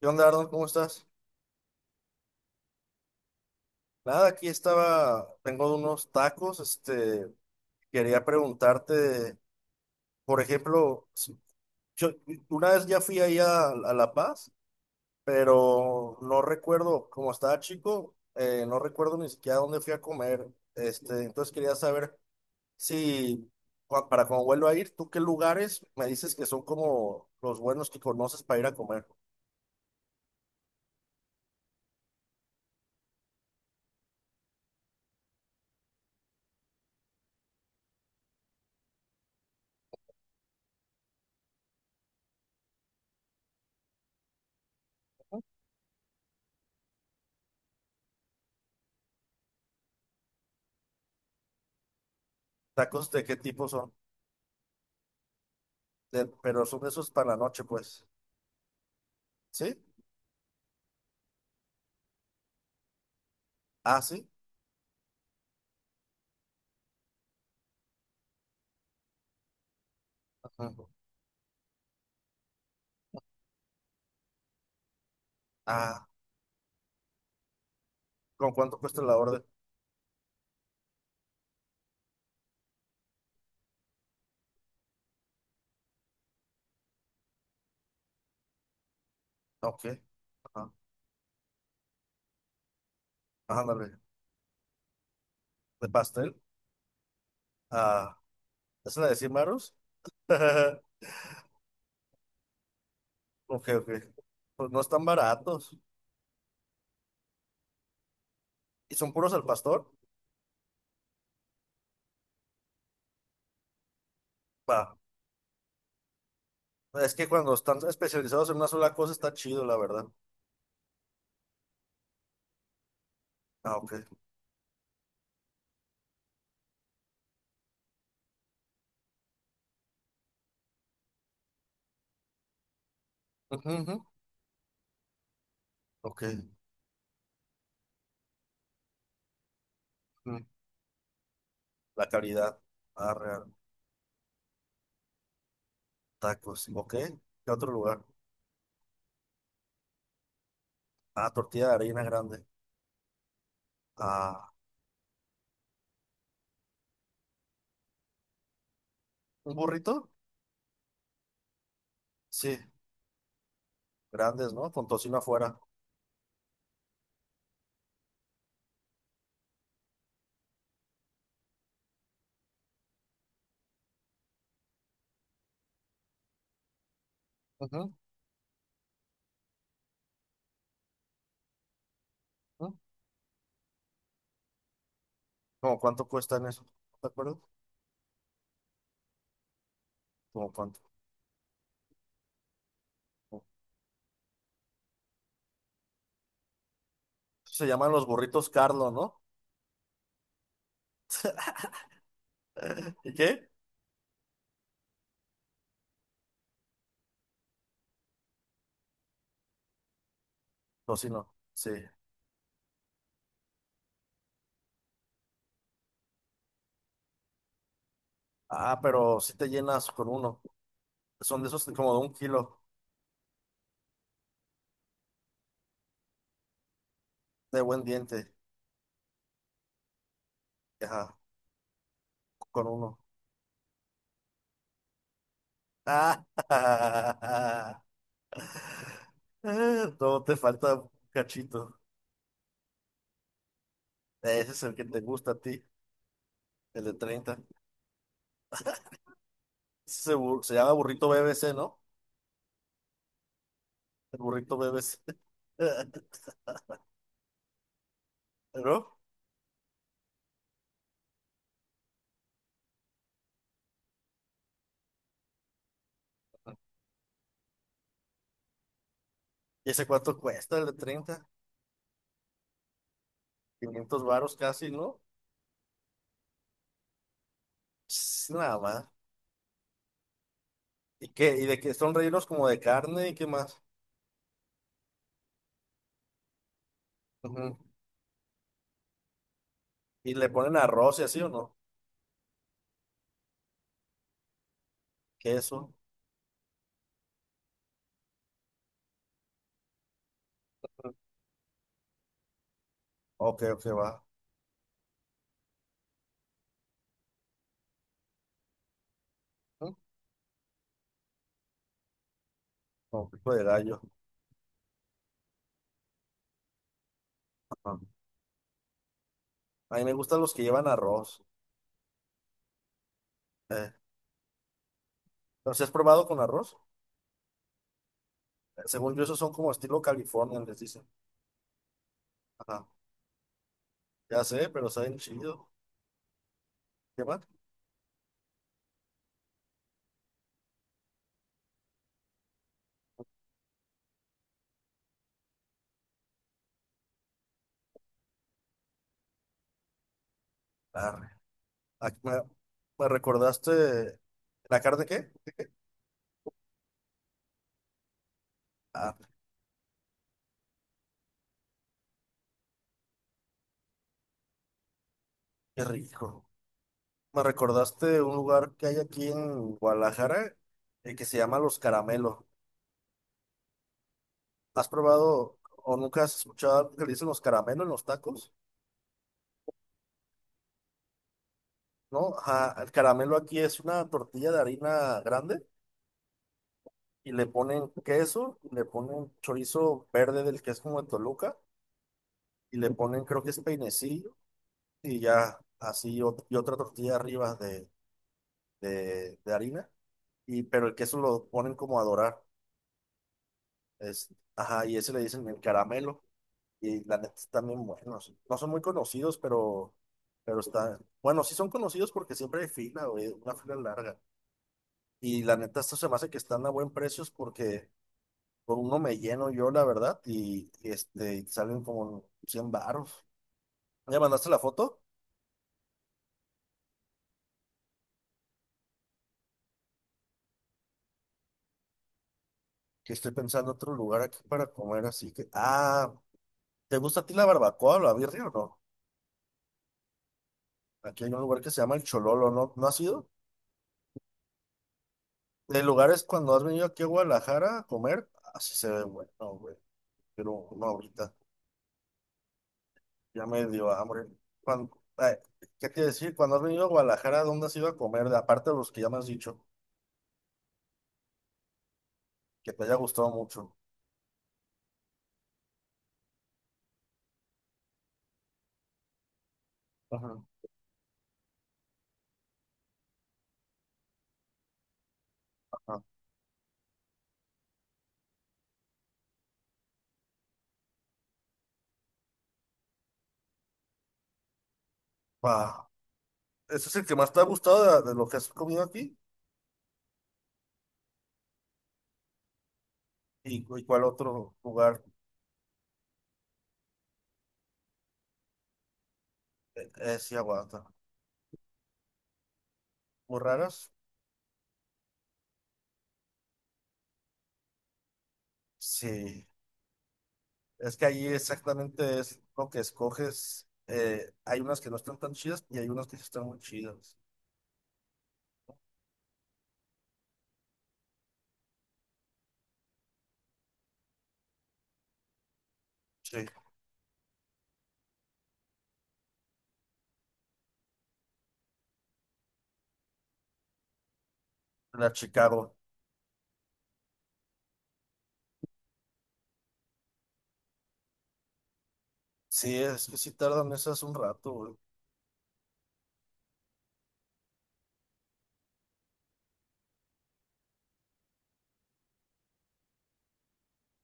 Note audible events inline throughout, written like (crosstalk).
¿Qué onda, Arnold? ¿Cómo estás? Nada, aquí estaba, tengo unos tacos, quería preguntarte, por ejemplo, yo una vez ya fui ahí a La Paz, pero no recuerdo, como estaba chico, no recuerdo ni siquiera dónde fui a comer, entonces quería saber si, para cuando vuelva a ir, ¿tú qué lugares me dices que son como los buenos que conoces para ir a comer? ¿Tacos de qué tipo son? Pero son esos para la noche, pues, ¿sí? Ah, sí. Ajá. Ah, ¿con cuánto cuesta la orden? Ok, ajá, ándale. ¿De pastel? Ah, ¿es la de 100 varos? (laughs) Ok, ok. Pues no están baratos. ¿Y son puros al pastor? Va. Es que cuando están especializados en una sola cosa está chido, la verdad. Ah, ok. Ujú, ujú. Ok. Mm. La calidad. Ah, real. Tacos. Ok. ¿Qué otro lugar? Ah, tortilla de harina grande. Ah, ¿un burrito? Sí, grandes, ¿no? Con tocino afuera. Ujú, ujú. ¿Cómo cuánto cuestan eso? ¿Te acuerdas? Como cuánto. Se llaman los burritos Carlo, ¿no? ¿Y qué? Tocino, sí. No, sí. Ah, pero si te llenas con uno. Son de esos como de un kilo de buen diente. Ajá, con uno. Ah, (laughs) todo te falta un cachito. Ese es el que te gusta a ti, el de 30. Se llama burrito BBC, ¿no? El burrito BBC. (laughs) ¿No? ¿Y ese cuánto cuesta el de 30? 500 varos casi, ¿no? Pss, nada más. ¿Y qué? ¿Y de que son rellenos como de carne y qué más? Ujú. ¿Y le ponen arroz y así o no? ¿Queso? Ok, ok, va. Ujú. Con pico de gallo. Ajá. A mí me gustan los que llevan arroz. Eh, ¿Los has probado con arroz? Según yo, esos son como estilo California, les dicen. Ajá. Ya sé, pero saben chido. ¿Qué más? Arre. Aquí me recordaste. ¿La carne qué? Ah, qué rico. Me recordaste un lugar que hay aquí en Guadalajara que se llama Los Caramelos. ¿Has probado o nunca has escuchado que le dicen los caramelos en los tacos? ¿No? Ajá, el caramelo aquí es una tortilla de harina grande y le ponen queso, y le ponen chorizo verde del que es como de Toluca y le ponen creo que es peinecillo y ya así y otra tortilla arriba de harina y pero el queso lo ponen como a dorar. Es, ajá, y ese le dicen el caramelo. Y la neta están bien buenos. No son muy conocidos, pero están. Bueno, sí son conocidos porque siempre hay fila, güey, una fila larga. Y la neta, esto se me hace que están a buen precios porque por uno me lleno yo, la verdad, y salen como 100 baros. ¿Ya mandaste la foto? Que estoy pensando otro lugar aquí para comer, así que. Ah, ¿te gusta a ti la barbacoa o la birria o no? Aquí hay un lugar que se llama El Chololo, ¿no? ¿No has ido? De lugares cuando has venido aquí a Guadalajara a comer, así se ve bueno, güey. Pero no ahorita, ya me dio hambre. Cuando, ay, ¿qué te iba a decir? Cuando has venido a Guadalajara, ¿dónde has ido a comer? Aparte de los que ya me has dicho, que te haya gustado mucho. Ajá. Ajá. Pa, ¿ese es el que más te ha gustado de lo que has comido aquí? ¿Y cuál otro lugar? ¿Sí aguanta? ¿Muy raras? Sí. Es que ahí exactamente es lo que escoges. Hay unas que no están tan chidas y hay unas que sí están muy chidas. Sí. La Chicago. Sí, es que sí tardan esas un rato, güey.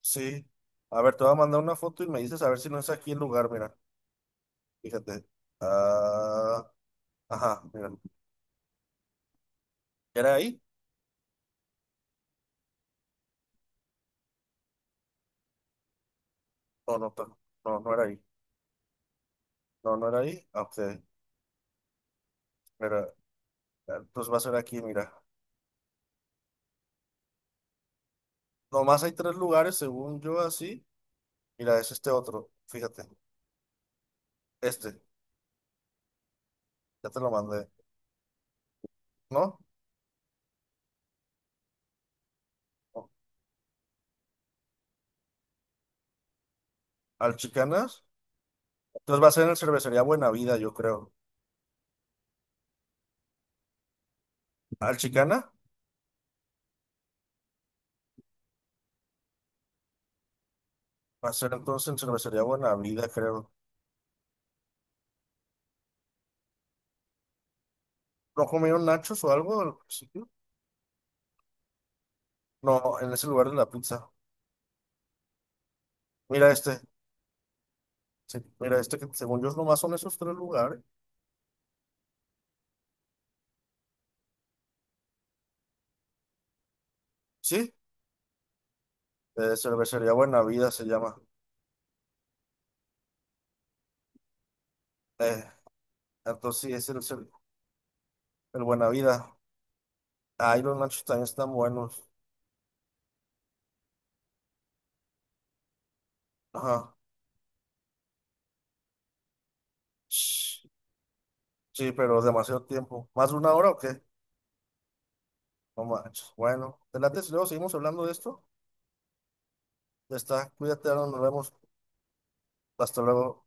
Sí. A ver, te voy a mandar una foto y me dices a ver si no es aquí el lugar, mira. Fíjate. Ah, ajá, mira. ¿Era ahí? No, no, no, no, no era ahí. No, no era ahí. Ah, ok, mira. Entonces va a ser aquí, mira. Nomás hay tres lugares, según yo, así. Mira, es este otro. Fíjate. Este. Ya te lo mandé. ¿No? Al Chicanas. Entonces va a ser en Cervecería Buena Vida, yo creo. Al Chicana va a ser entonces en Cervecería Buena Vida, creo. ¿No comieron nachos o algo? No, en ese lugar de la pizza. Mira este. Sí, mira este que según yo nomás son esos tres lugares. Sí, Cervecería Buena Vida se llama. Eh, entonces sí, es el Buena Vida. Ahí los nachos también están buenos. Ajá. Shh. Sí, pero demasiado tiempo. ¿Más de una hora o qué? No manches. Bueno, te late si luego seguimos hablando de esto. Ya está. Cuídate, Aaron, nos vemos. Hasta luego.